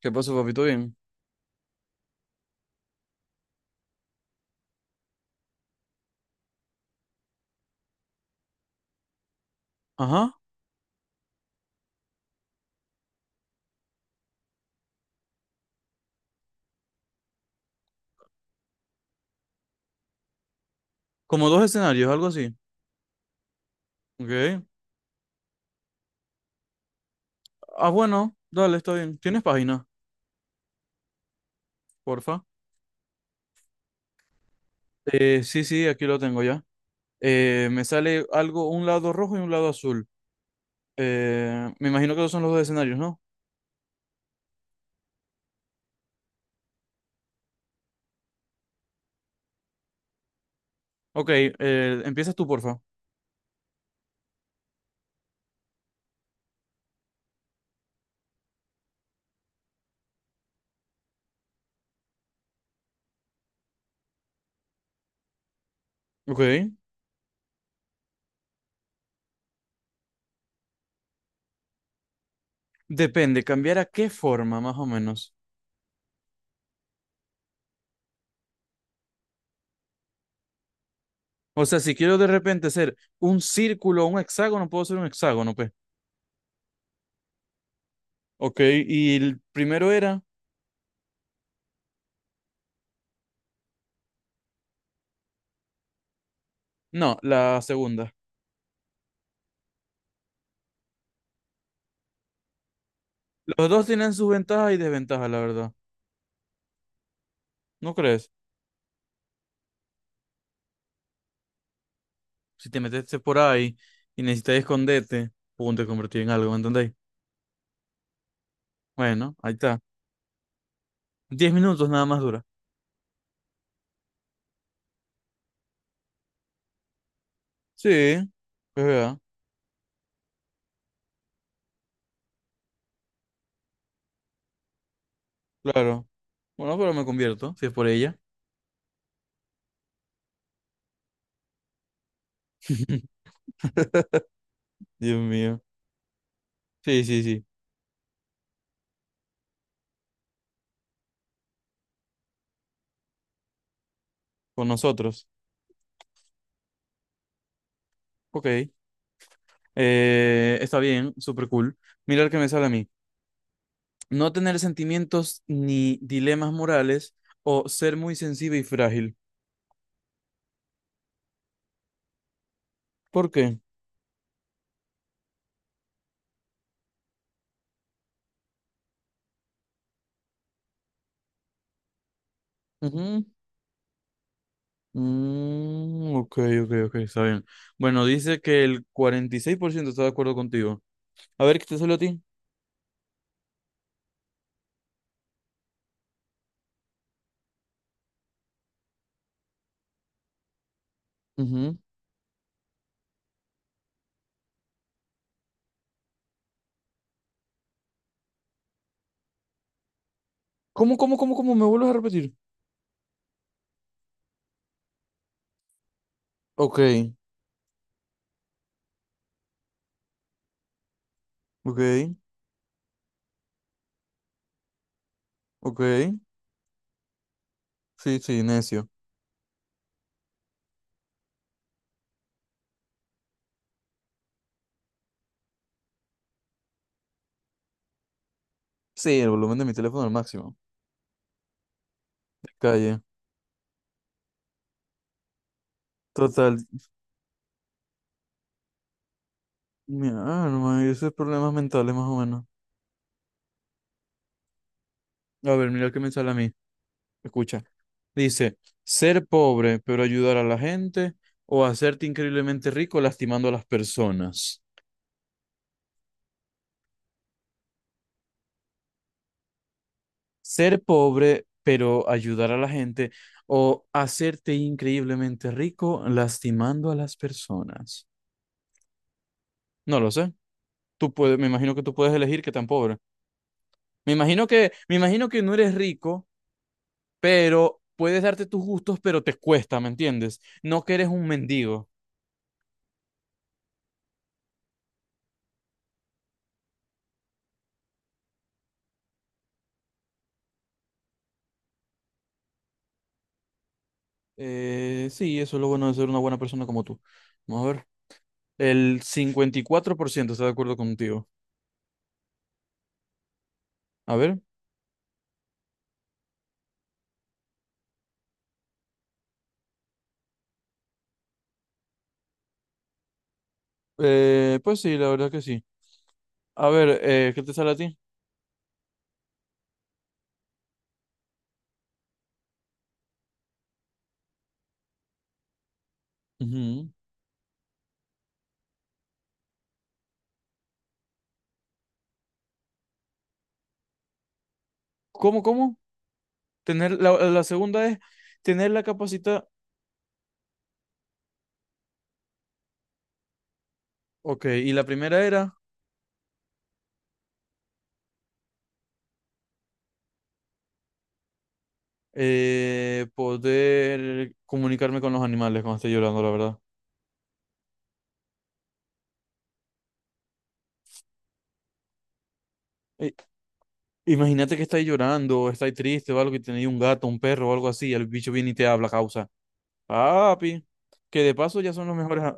¿Qué pasó, papito? Bien. Ajá. Como dos escenarios, algo así. Ok. Ah, bueno, dale, está bien. ¿Tienes página? Porfa. Sí, sí, aquí lo tengo ya. Me sale algo, un lado rojo y un lado azul. Me imagino que esos son los dos escenarios, ¿no? Ok, empiezas tú, porfa. Ok. Depende, cambiar a qué forma, más o menos. O sea, si quiero de repente ser un círculo o un hexágono, puedo ser un hexágono, pues. Ok, y el primero era. No, la segunda. Los dos tienen sus ventajas y desventajas, la verdad. ¿No crees? Si te metiste por ahí y necesitas esconderte, pum, te convertí en algo, ¿me entendéis? Bueno, ahí está. 10 minutos nada más dura. Sí, es verdad, claro. Bueno, pero me convierto, si es por ella. Dios mío. Sí, sí, sí. Con nosotros. Ok. Está bien, súper cool. Mira el que me sale a mí. No tener sentimientos ni dilemas morales o ser muy sensible y frágil. ¿Por qué? Ujú. Mm, ok, ok, ok, está bien. Bueno, dice que el 46% está de acuerdo contigo. A ver, ¿qué te salió a ti? Ujú. ¿Cómo, cómo, cómo, cómo? ¿Me vuelves a repetir? Ok, ok, ok. Sí, sí, necio. Sí, el volumen de mi teléfono al máximo. Calle. Total. Mi alma, y esos problemas mentales más o menos. A ver, mira el que me sale a mí. Escucha. Dice, ser pobre pero ayudar a la gente o hacerte increíblemente rico lastimando a las personas. Ser pobre, pero ayudar a la gente, o hacerte increíblemente rico lastimando a las personas. No lo sé. Tú puedes, me imagino que tú puedes elegir qué tan pobre. Me imagino que no eres rico, pero puedes darte tus gustos, pero te cuesta, ¿me entiendes? No que eres un mendigo. Sí, eso es lo bueno de ser una buena persona como tú. Vamos a ver. El 54% está de acuerdo contigo. A ver. Pues sí, la verdad que sí. A ver, ¿qué te sale a ti? Ujú. ¿Cómo, cómo? Tener la segunda es tener la capacidad. Ok, y la primera era poder comunicarme con los animales cuando esté llorando, la verdad. Eh, imagínate que estáis llorando, o estáis triste o algo, que tenéis un gato, un perro o algo así, y el bicho viene y te habla, causa. Papi, que de paso ya son los mejores.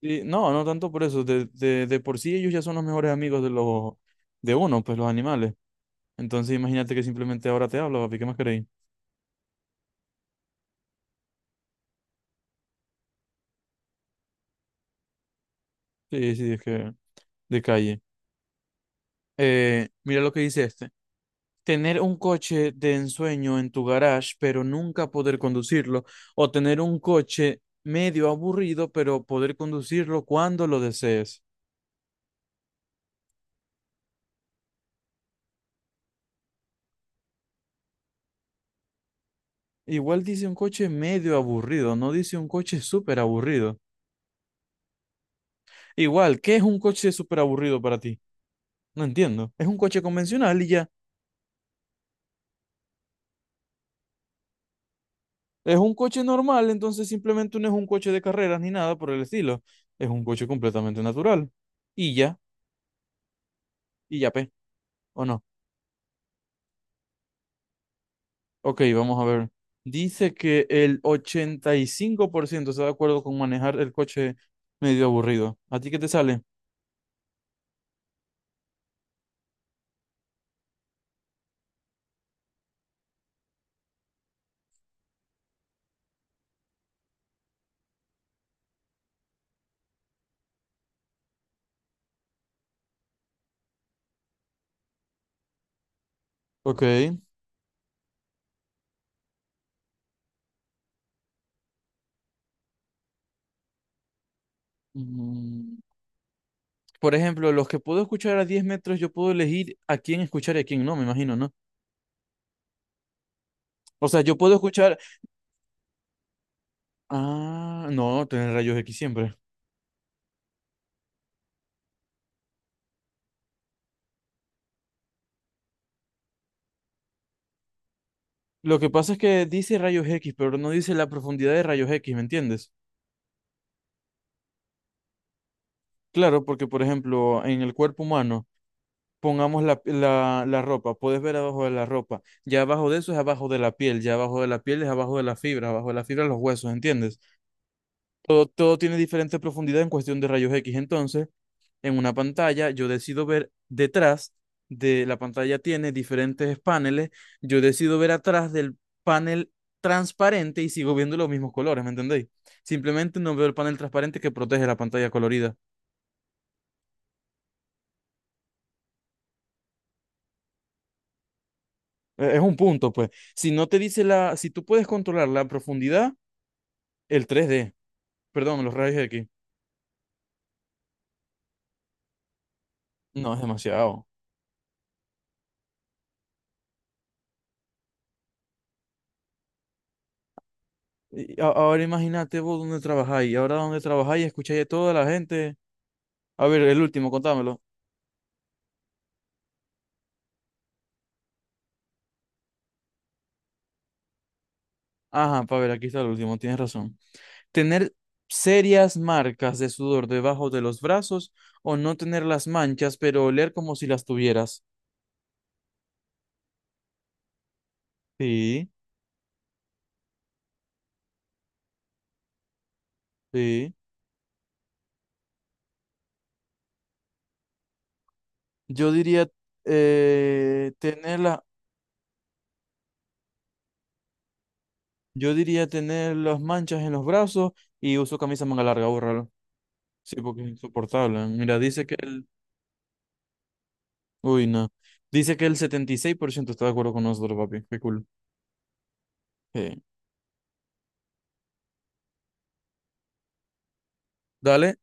Y no, no tanto por eso, de por sí ellos ya son los mejores amigos de los de uno, pues los animales. Entonces imagínate que simplemente ahora te hablo papi, ¿qué más queréis? Sí, sí, es que de calle. Mira lo que dice este. Tener un coche de ensueño en tu garage, pero nunca poder conducirlo. O tener un coche medio aburrido, pero poder conducirlo cuando lo desees. Igual dice un coche medio aburrido, no dice un coche súper aburrido. Igual, ¿qué es un coche súper aburrido para ti? No entiendo. Es un coche convencional y ya. Es un coche normal, entonces simplemente no es un coche de carreras ni nada por el estilo. Es un coche completamente natural. Y ya, y ya, pe. ¿O no? Ok, vamos a ver. Dice que el 85% está de acuerdo con manejar el coche medio aburrido. ¿A ti qué te sale? Ok. Mm, por ejemplo, los que puedo escuchar a 10 metros, yo puedo elegir a quién escuchar y a quién no, me imagino, ¿no? O sea, yo puedo escuchar... Ah, no, tener rayos X siempre. Lo que pasa es que dice rayos X, pero no dice la profundidad de rayos X, ¿me entiendes? Claro, porque por ejemplo, en el cuerpo humano... Pongamos la ropa, puedes ver abajo de la ropa, ya abajo de eso es abajo de la piel, ya abajo de la piel es abajo de la fibra, abajo de la fibra los huesos, ¿entiendes? Todo, todo tiene diferente profundidad en cuestión de rayos X, entonces en una pantalla yo decido ver detrás de la pantalla tiene diferentes paneles, yo decido ver atrás del panel transparente y sigo viendo los mismos colores, ¿me entendéis? Simplemente no veo el panel transparente que protege la pantalla colorida. Es un punto, pues. Si no te dice la, si tú puedes controlar la profundidad, el 3D perdón, los rayos X. No, es demasiado. Ahora imagínate vos dónde trabajáis. Ahora dónde trabajáis, escucháis a toda la gente. A ver, el último, contámelo. Ajá, para ver, aquí está el último, tienes razón. Tener serias marcas de sudor debajo de los brazos o no tener las manchas, pero oler como si las tuvieras. Sí, sí. Yo diría eh, tener la- yo diría tener las manchas en los brazos y uso camisa manga larga, bórralo. Sí, porque es insoportable. Mira, dice que el Uy, no. Dice que el 76% está de acuerdo con nosotros, papi. Qué cool. Eh, dale.